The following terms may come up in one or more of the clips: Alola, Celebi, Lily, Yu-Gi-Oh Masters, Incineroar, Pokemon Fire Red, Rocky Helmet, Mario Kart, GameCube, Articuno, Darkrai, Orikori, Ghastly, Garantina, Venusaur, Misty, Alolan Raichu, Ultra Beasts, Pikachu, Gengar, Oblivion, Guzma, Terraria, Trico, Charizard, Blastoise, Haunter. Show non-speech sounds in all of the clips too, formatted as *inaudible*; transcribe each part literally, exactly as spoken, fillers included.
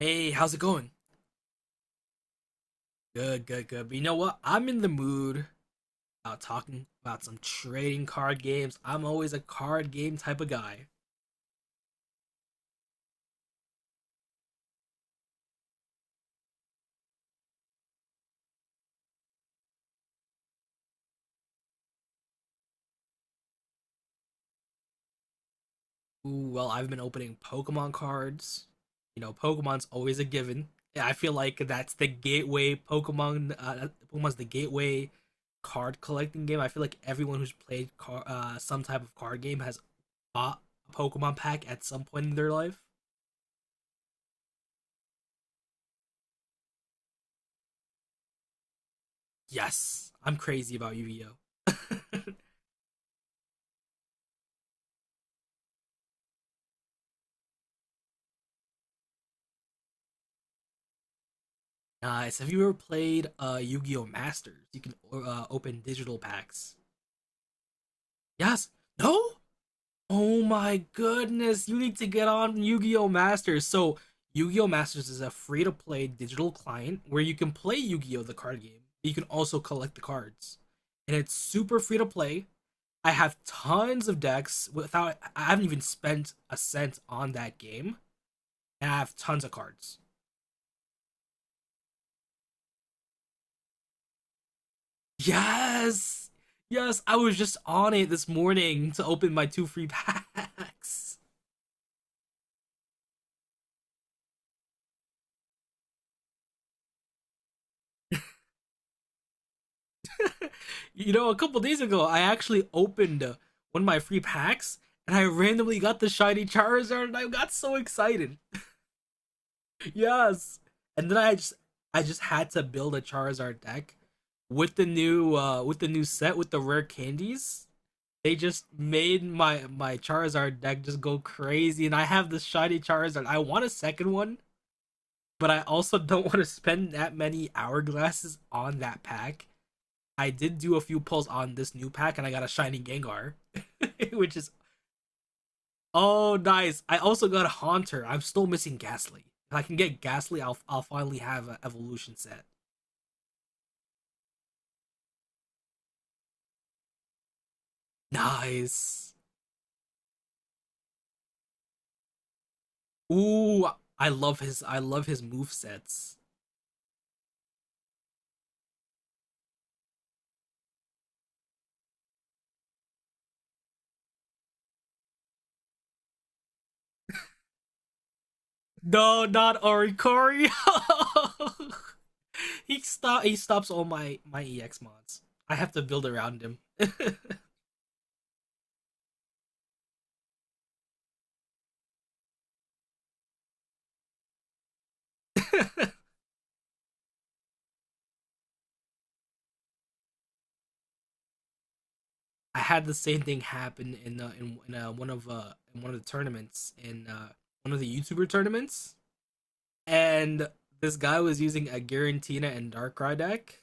Hey, how's it going? Good, good, good. But you know what? I'm in the mood about talking about some trading card games. I'm always a card game type of guy. Ooh, well, I've been opening Pokemon cards. You know, Pokemon's always a given. Yeah, I feel like that's the gateway Pokemon. Uh, Pokemon's the gateway card collecting game. I feel like everyone who's played car, uh, some type of card game has bought a Pokemon pack at some point in their life. Yes, I'm crazy about Yu Gi Oh. *laughs* Nice. Have you ever played uh Yu-Gi-Oh Masters? You can uh, open digital packs. Yes. No? Oh my goodness. You need to get on Yu-Gi-Oh Masters. So, Yu-Gi-Oh Masters is a free-to-play digital client where you can play Yu-Gi-Oh the card game. But you can also collect the cards. And it's super free to play. I have tons of decks without I haven't even spent a cent on that game. And I have tons of cards. Yes, yes, I was just on it this morning to open my two free packs. *laughs* You know, a couple days ago, I actually opened uh, one of my free packs, and I randomly got the shiny Charizard and I got so excited. Yes. And then I just I just had to build a Charizard deck with the new uh with the new set with the rare candies. They just made my my Charizard deck just go crazy and I have this shiny Charizard. I want a second one, but I also *laughs* don't want to spend that many hourglasses on that pack. I did do a few pulls on this new pack and I got a shiny Gengar, *laughs* which is oh, nice. I also got a Haunter. I'm still missing Ghastly. If I can get Ghastly, I'll I'll finally have an evolution set. Nice. Ooh, I love his I love his move sets. No, not Orikori. *laughs* he stop he stops all my my E X mods. I have to build around him. *laughs* I had the same thing happen in uh, in, in uh, one of uh, in one of the tournaments in uh, one of the YouTuber tournaments, and this guy was using a Garantina and Darkrai deck.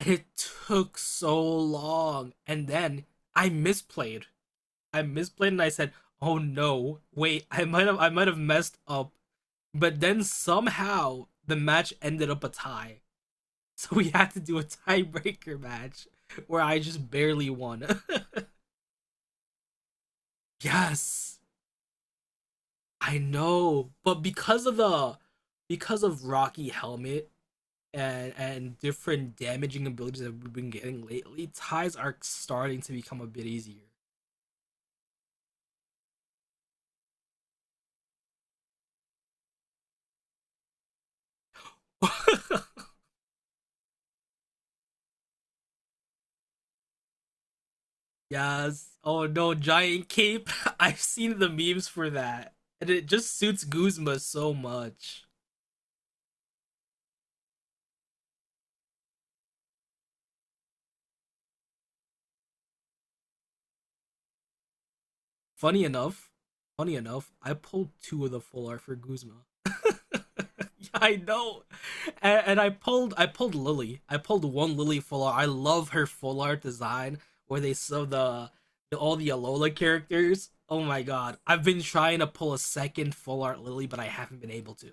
It took so long, and then I misplayed. I misplayed, and I said, "Oh no, wait! I might have I might have messed up." But then somehow the match ended up a tie, *laughs* so we had to do a tiebreaker match where I just barely won. *laughs* Yes, I know, but because of the because of Rocky Helmet and and different damaging abilities that we've been getting lately, ties are starting to become a bit easier. *laughs* Yes. Oh no, giant cape. *laughs* I've seen the memes for that. And it just suits Guzma so much. Funny enough, funny enough, I pulled two of the full art for Guzma. *laughs* I know, and, and I pulled I pulled Lily. I pulled one Lily full art. I love her full art design where they sew the, the all the Alola characters. Oh my god, I've been trying to pull a second full art Lily, but I haven't been able to.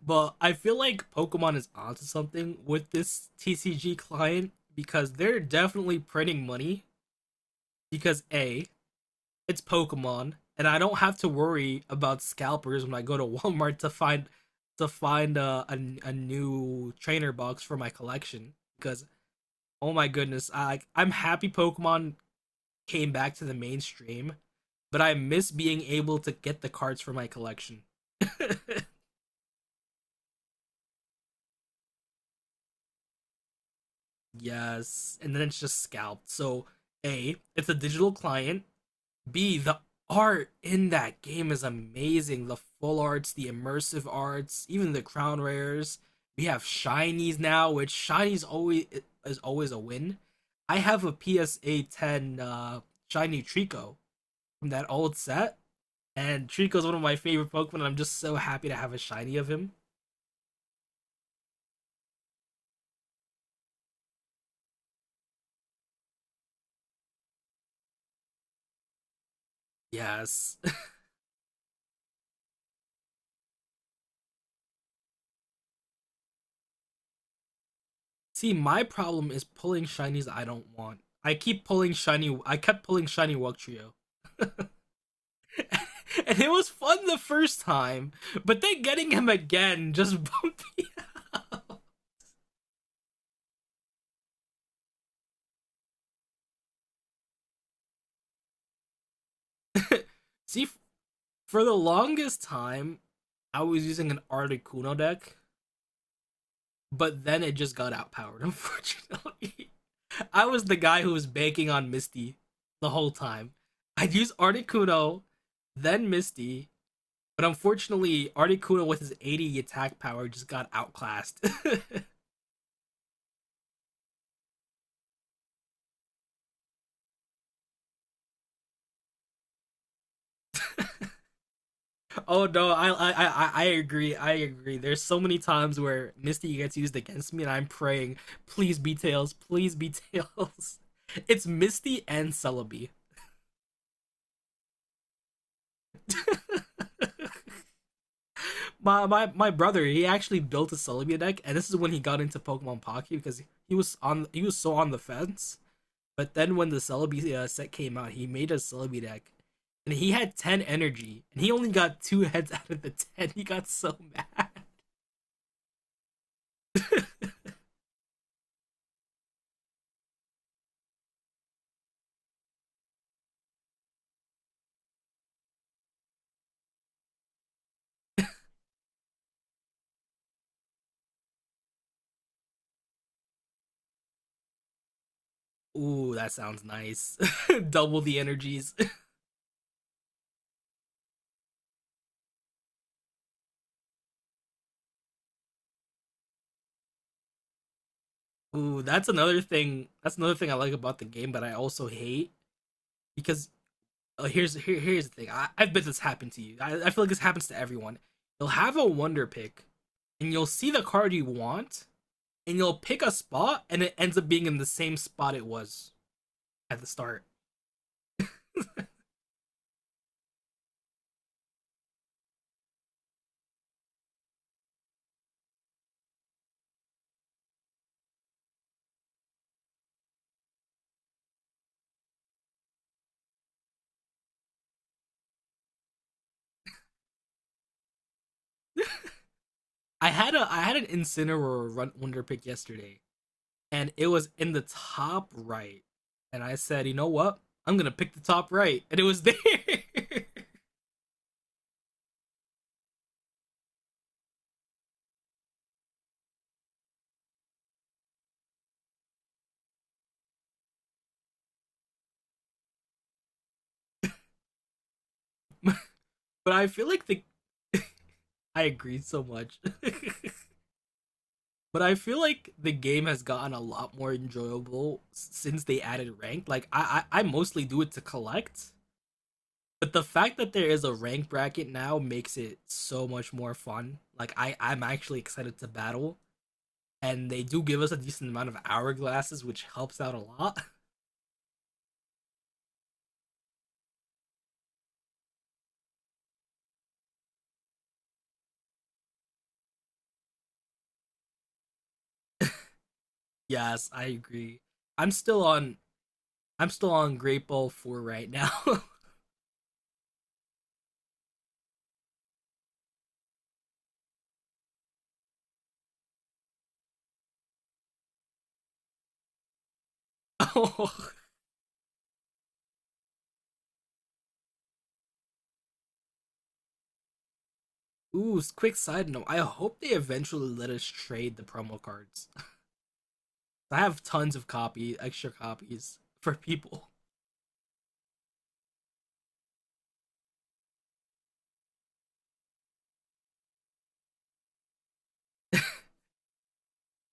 But I feel like Pokemon is onto something with this T C G client because they're definitely printing money. Because a, it's Pokemon, and I don't have to worry about scalpers when I go to *laughs* Walmart to find to find a a, a new trainer box for my collection because oh my goodness, I like, I'm happy Pokemon came back to the mainstream, but I miss being able to get the cards for my collection. *laughs* Yes, and then it's just scalped. So, A, it's a digital client, B, the art in that game is amazing. The full arts, the immersive arts, even the crown rares. We have shinies now, which shinies always is always a win. I have a P S A ten uh, shiny Trico from that old set, and Trico's one of my favorite Pokemon. And I'm just so happy to have a shiny of him. Yes. *laughs* See, my problem is pulling shinies I don't want. I keep pulling shiny. I kept pulling shiny Trio *laughs* and it was fun the first time, but then getting him again just *laughs* bumped me. See, for the longest time, I was using an Articuno deck, but then it just got outpowered, unfortunately. *laughs* I was the guy who was banking on Misty the whole time. I'd use Articuno, then Misty, but unfortunately, Articuno with his eighty attack power just got outclassed. *laughs* Oh no, I I I agree. I agree. There's so many times where Misty gets used against me, and I'm praying, please be tails, please be tails. *laughs* It's Misty and Celebi. *laughs* my my my brother, he actually built a Celebi deck, and this is when he got into Pokemon Pocky because he was on he was so on the fence. But then when the Celebi uh, set came out, he made a Celebi deck, and he had ten energy, and he only got two *laughs* heads out of the ten. He got so *laughs* mad. Ooh, that sounds nice. *laughs* Double the energies. *laughs* Ooh, that's another thing. That's another thing I like about the game, but I also hate because oh, here's here, here's the thing. I, I bet this happened to you. I, I feel like this happens to everyone. You'll have a wonder pick, and you'll see the card you want, and you'll pick a spot, and it ends up being in the same spot it was at the start. I had a I had an Incineroar wonder pick yesterday, and it was in the top right. And I said, you know what? I'm gonna pick the top right, and it was there. *laughs* but I feel like the *laughs* I agreed so much. *laughs* But I feel like the game has gotten a lot more enjoyable since they added ranked. Like I, I, I mostly do it to collect, but the fact that there is a rank bracket now makes it so much more fun. Like I, I'm actually excited to battle, and they do give us a decent amount of hourglasses, which helps out a lot. Yes, I agree. I'm still on. I'm still on Great Ball Four right now. *laughs* Oh, ooh! Quick side note: I hope they eventually let us trade the promo cards. I have tons of copy, extra copies for people.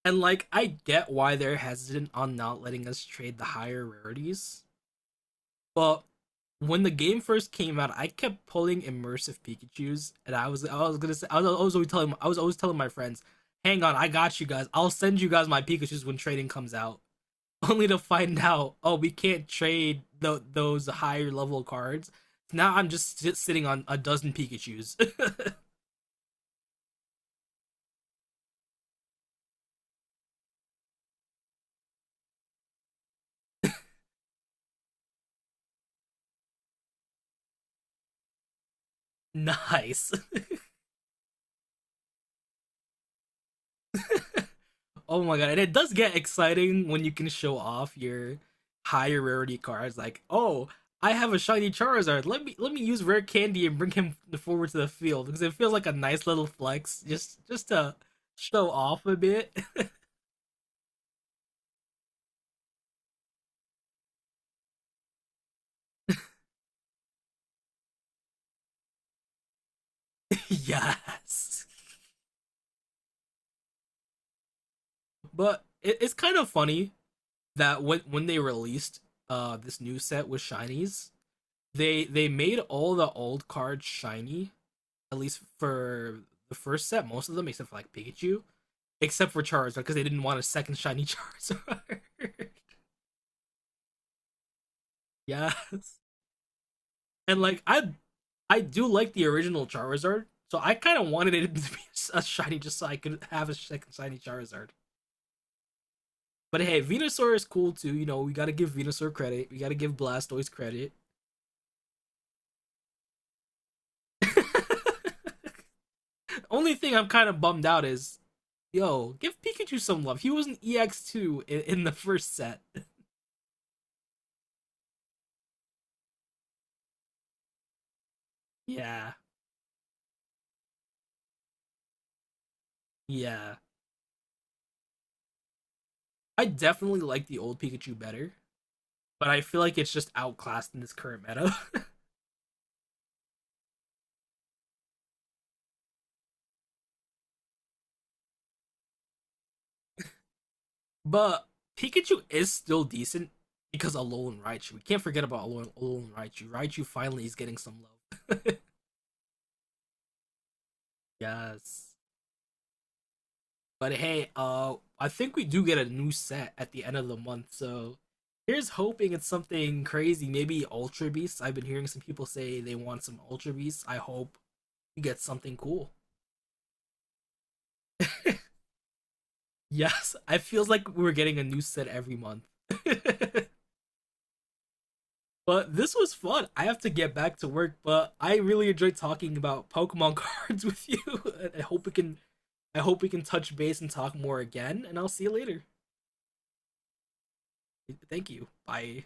And like, I get why they're hesitant on not letting us trade the higher rarities, but when the game first came out, I kept pulling immersive Pikachu's, and I was I was gonna say I was always telling I was always telling my friends, "Hang on, I got you guys. I'll send you guys my Pikachu's when trading comes out." *laughs* Only to find out, oh, we can't trade tho- those higher level cards. Now I'm just sitting on a dozen Pikachu's. *laughs* Nice. Oh my god, and it does get exciting when you can show off your higher rarity cards. Like, oh, I have a shiny Charizard. Let me let me use rare candy and bring him forward to the field because it feels like a nice little flex, just just to show off a bit. *laughs* Yes, but it, it's kind of funny that when when they released uh this new set with shinies, they they made all the old cards shiny, at least for the first set, most of them except for like Pikachu, except for Charizard because they didn't want a second shiny Charizard. *laughs* Yes, and like I, I do like the original Charizard, so I kind of wanted it *laughs* to be a shiny just so I could have a second shiny Charizard. But hey, Venusaur is cool too. You know, we gotta give Venusaur credit. We gotta give Blastoise credit. The only thing I'm kind of bummed out is, yo, give Pikachu some love. He was an E X two in, in the first set. Yeah, yeah. I definitely like the old Pikachu better, but I feel like it's just outclassed in this current meta. But Pikachu is still decent because Alolan Raichu. We can't forget about Alolan, Alolan Raichu. Raichu finally is getting some love. Yes. But hey, uh, I think we do get a new set at the end of the month. So here's hoping it's something crazy. Maybe Ultra Beasts. I've been hearing some people say they want some Ultra Beasts. I hope we get something cool. Yes, it feels like we're getting a new set every month. *laughs* But this was fun. I have to get back to work, but I really enjoyed talking about Pokemon *laughs* cards with you. *laughs* I hope we can I hope we can touch base and talk more again, and I'll see you later. Thank you. Bye.